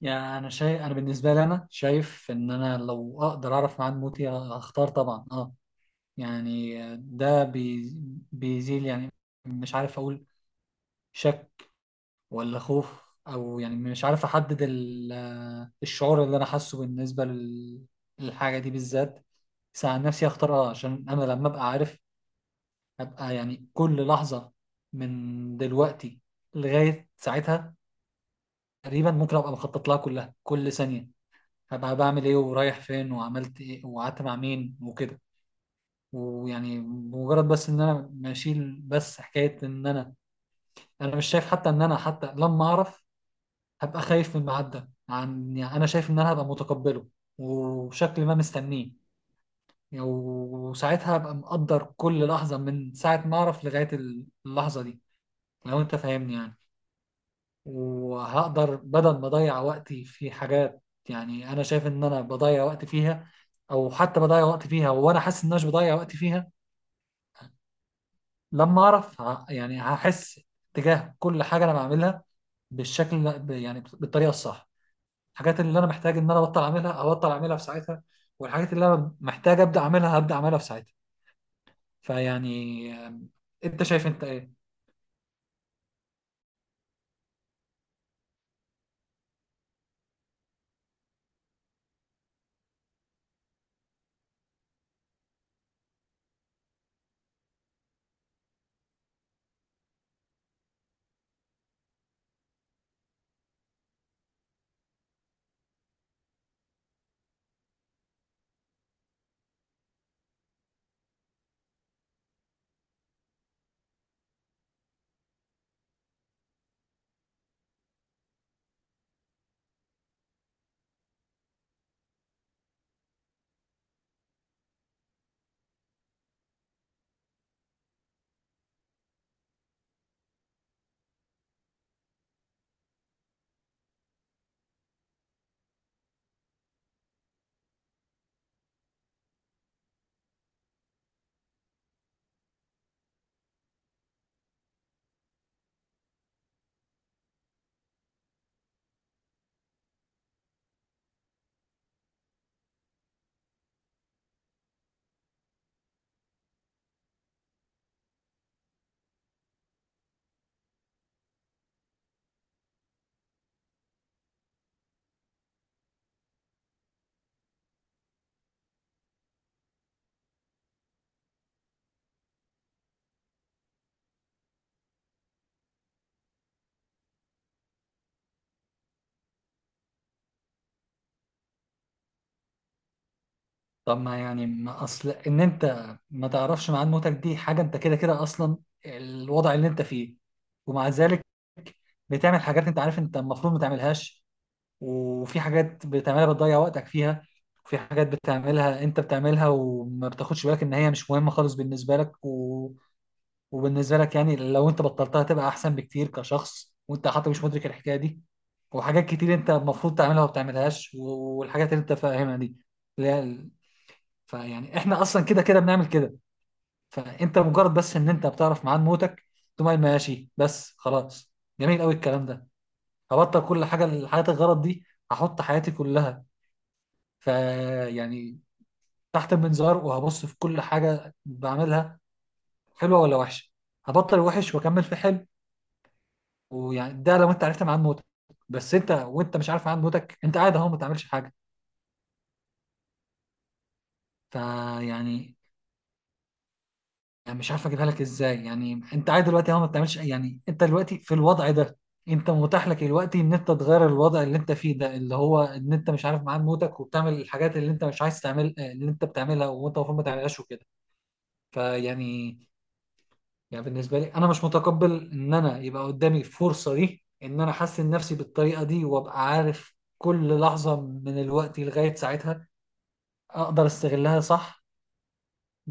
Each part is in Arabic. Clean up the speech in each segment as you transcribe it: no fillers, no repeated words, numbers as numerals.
يعني انا بالنسبه لي انا شايف ان انا لو اقدر اعرف ميعاد موتي هختار طبعا اه. يعني ده بيزيل، يعني مش عارف اقول شك ولا خوف، او يعني مش عارف احدد الشعور اللي انا حاسه بالنسبه للحاجه دي بالذات. بس عن نفسي اختار اه، عشان انا لما ابقى عارف ابقى يعني كل لحظه من دلوقتي لغايه ساعتها تقريبا ممكن ابقى مخطط لها كلها، كل ثانيه هبقى بعمل ايه ورايح فين وعملت ايه وقعدت مع مين وكده. ويعني بمجرد بس ان انا بشيل بس حكايه ان انا مش شايف حتى ان انا حتى لما اعرف هبقى خايف من الميعاد ده، عن يعني انا شايف ان انا هبقى متقبله وشكل ما مستنيه. يعني وساعتها هبقى مقدر كل لحظه من ساعه ما اعرف لغايه اللحظه دي، لو انت فاهمني يعني. وهقدر بدل ما اضيع وقتي في حاجات يعني انا شايف ان انا بضيع وقت فيها، او حتى بضيع وقت فيها وانا حاسس ان انا مش بضيع وقت فيها، لما اعرف يعني هحس تجاه كل حاجه انا بعملها بالشكل يعني بالطريقه الصح. الحاجات اللي انا محتاج ان انا ابطل اعملها هبطل اعملها في ساعتها، والحاجات اللي انا محتاج ابدا اعملها هبدا اعملها في ساعتها. فيعني انت شايف انت ايه؟ طب ما يعني ما اصل ان انت ما تعرفش ميعاد موتك دي حاجه انت كده كده اصلا الوضع اللي انت فيه، ومع ذلك بتعمل حاجات انت عارف انت المفروض ما تعملهاش، وفي حاجات بتعملها بتضيع وقتك فيها، وفي حاجات بتعملها انت بتعملها وما بتاخدش بالك ان هي مش مهمه خالص بالنسبه لك و... وبالنسبه لك، يعني لو انت بطلتها تبقى احسن بكتير كشخص، وانت حتى مش مدرك الحكايه دي. وحاجات كتير انت المفروض تعملها وما بتعملهاش والحاجات اللي انت فاهمها دي، لا. فيعني احنا اصلا كده كده بنعمل كده، فانت مجرد بس ان انت بتعرف ميعاد موتك تقوم قايل ماشي بس خلاص، جميل قوي الكلام ده، هبطل كل حاجه الحياة الغرض دي، هحط حياتي كلها فيعني تحت المنظار، وهبص في كل حاجه بعملها حلوه ولا وحشه، هبطل وحش واكمل في حلو. ويعني ده لو انت عرفت ميعاد موتك، بس انت وانت مش عارف ميعاد موتك انت قاعد اهو ما بتعملش حاجه. فيعني يعني مش عارف اجيبها لك ازاي، يعني انت قاعد دلوقتي اهو ما بتعملش يعني انت دلوقتي في الوضع ده، انت متاح لك دلوقتي ان انت تغير الوضع اللي انت فيه ده، اللي هو ان انت مش عارف معاد موتك وبتعمل الحاجات اللي انت مش عايز تعمل، اللي انت بتعملها وانت المفروض ما تعملهاش وكده. فيعني يعني بالنسبه لي انا مش متقبل ان انا يبقى قدامي الفرصه دي ان انا احسن نفسي بالطريقه دي، وابقى عارف كل لحظه من الوقت لغايه ساعتها اقدر استغلها صح.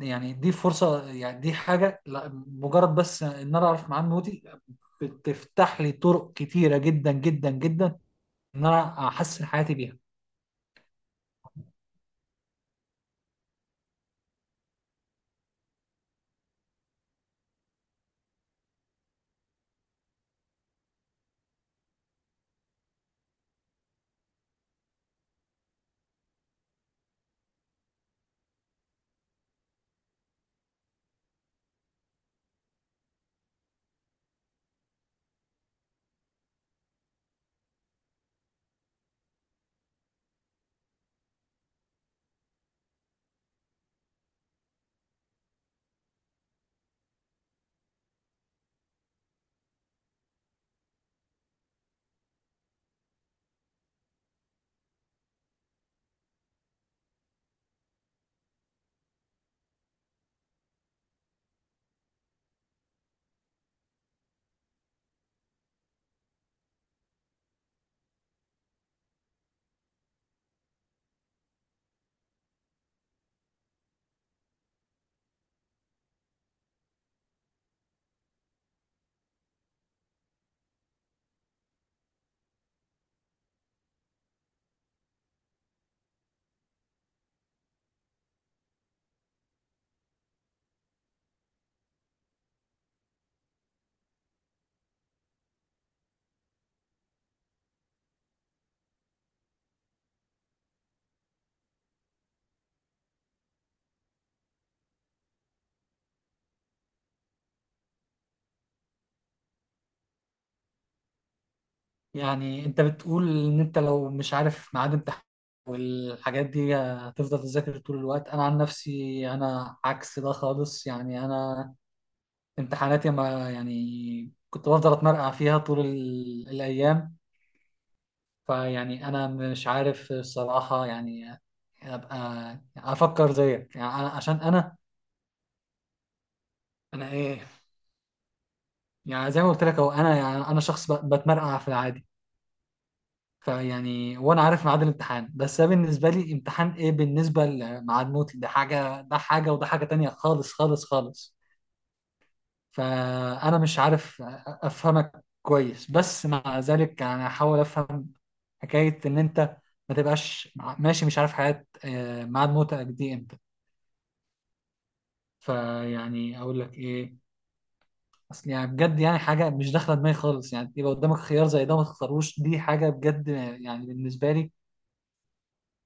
يعني دي فرصة، يعني دي حاجة لا مجرد بس ان انا اعرف معاه نوتي، بتفتح لي طرق كتيرة جدا جدا جدا ان انا احسن حياتي بيها. يعني انت بتقول ان انت لو مش عارف ميعاد امتحان والحاجات دي هتفضل تذاكر طول الوقت، انا عن نفسي انا عكس ده خالص. يعني انا امتحاناتي ما يعني كنت بفضل اتمرقع فيها طول الايام. فيعني انا مش عارف الصراحه يعني ابقى افكر زيك. يعني أنا عشان انا ايه، يعني زي ما قلت لك اهو انا يعني انا شخص بتمرقع في العادي. فيعني وانا عارف ميعاد الامتحان، بس ده بالنسبه لي امتحان ايه بالنسبه لميعاد موت، ده حاجه ده حاجه وده حاجه تانية خالص خالص خالص. فانا مش عارف افهمك كويس، بس مع ذلك انا هحاول افهم حكايه ان انت ما تبقاش ماشي مش عارف حياه ميعاد موتك دي امتى. فيعني اقول لك ايه، اصل يعني بجد يعني حاجه مش داخله دماغي خالص، يعني يبقى قدامك خيار زي ده ما تختاروش، دي حاجه بجد يعني بالنسبه لي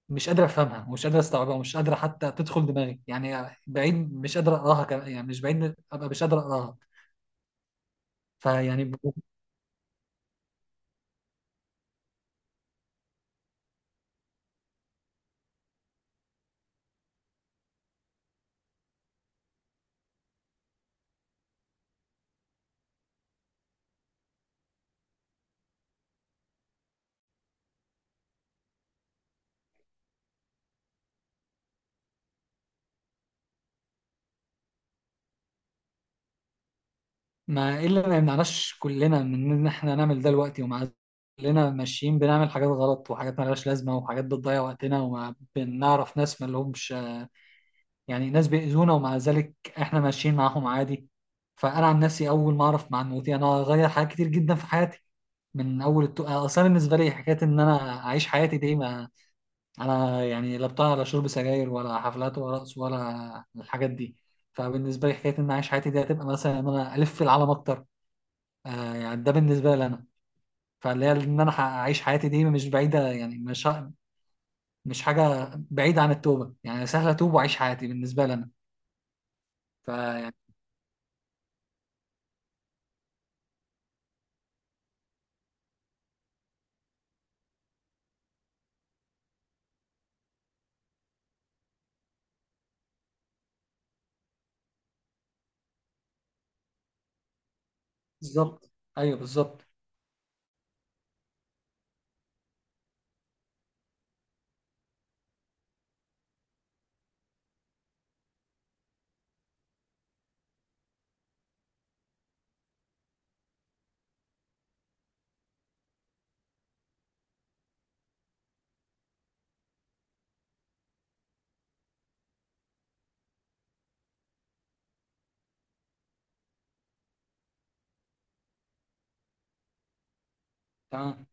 مش قادر افهمها ومش قادر استوعبها ومش قادر حتى تدخل دماغي، يعني بعيد مش قادر اقراها كمان، يعني مش بعيد ابقى مش قادر اقراها. فيعني ما ايه اللي ما يمنعناش كلنا من ان احنا نعمل ده دلوقتي؟ ومع كلنا ماشيين بنعمل حاجات غلط وحاجات مالهاش لازمه وحاجات بتضيع وقتنا، وما بنعرف ناس ما لهمش، يعني ناس بيأذونا ومع ذلك احنا ماشيين معاهم عادي. فانا عن نفسي اول ما اعرف معنوياتي انا هغير حاجات كتير جدا في حياتي. من اول اصلا بالنسبه لي حكايه ان انا اعيش حياتي دي، ما انا يعني لا بتاع ولا شرب سجاير ولا حفلات ولا رقص ولا الحاجات دي، فبالنسبه لي حكايه ان انا اعيش حياتي دي هتبقى مثلا ان انا الف في العالم اكتر. آه يعني ده بالنسبه لي انا. فاللي هي ان انا اعيش حياتي دي مش بعيده، يعني مش حاجه بعيده عن التوبه، يعني سهله اتوب واعيش حياتي بالنسبه لي انا. فيعني بالظبط. ايوه بالظبط. تمام.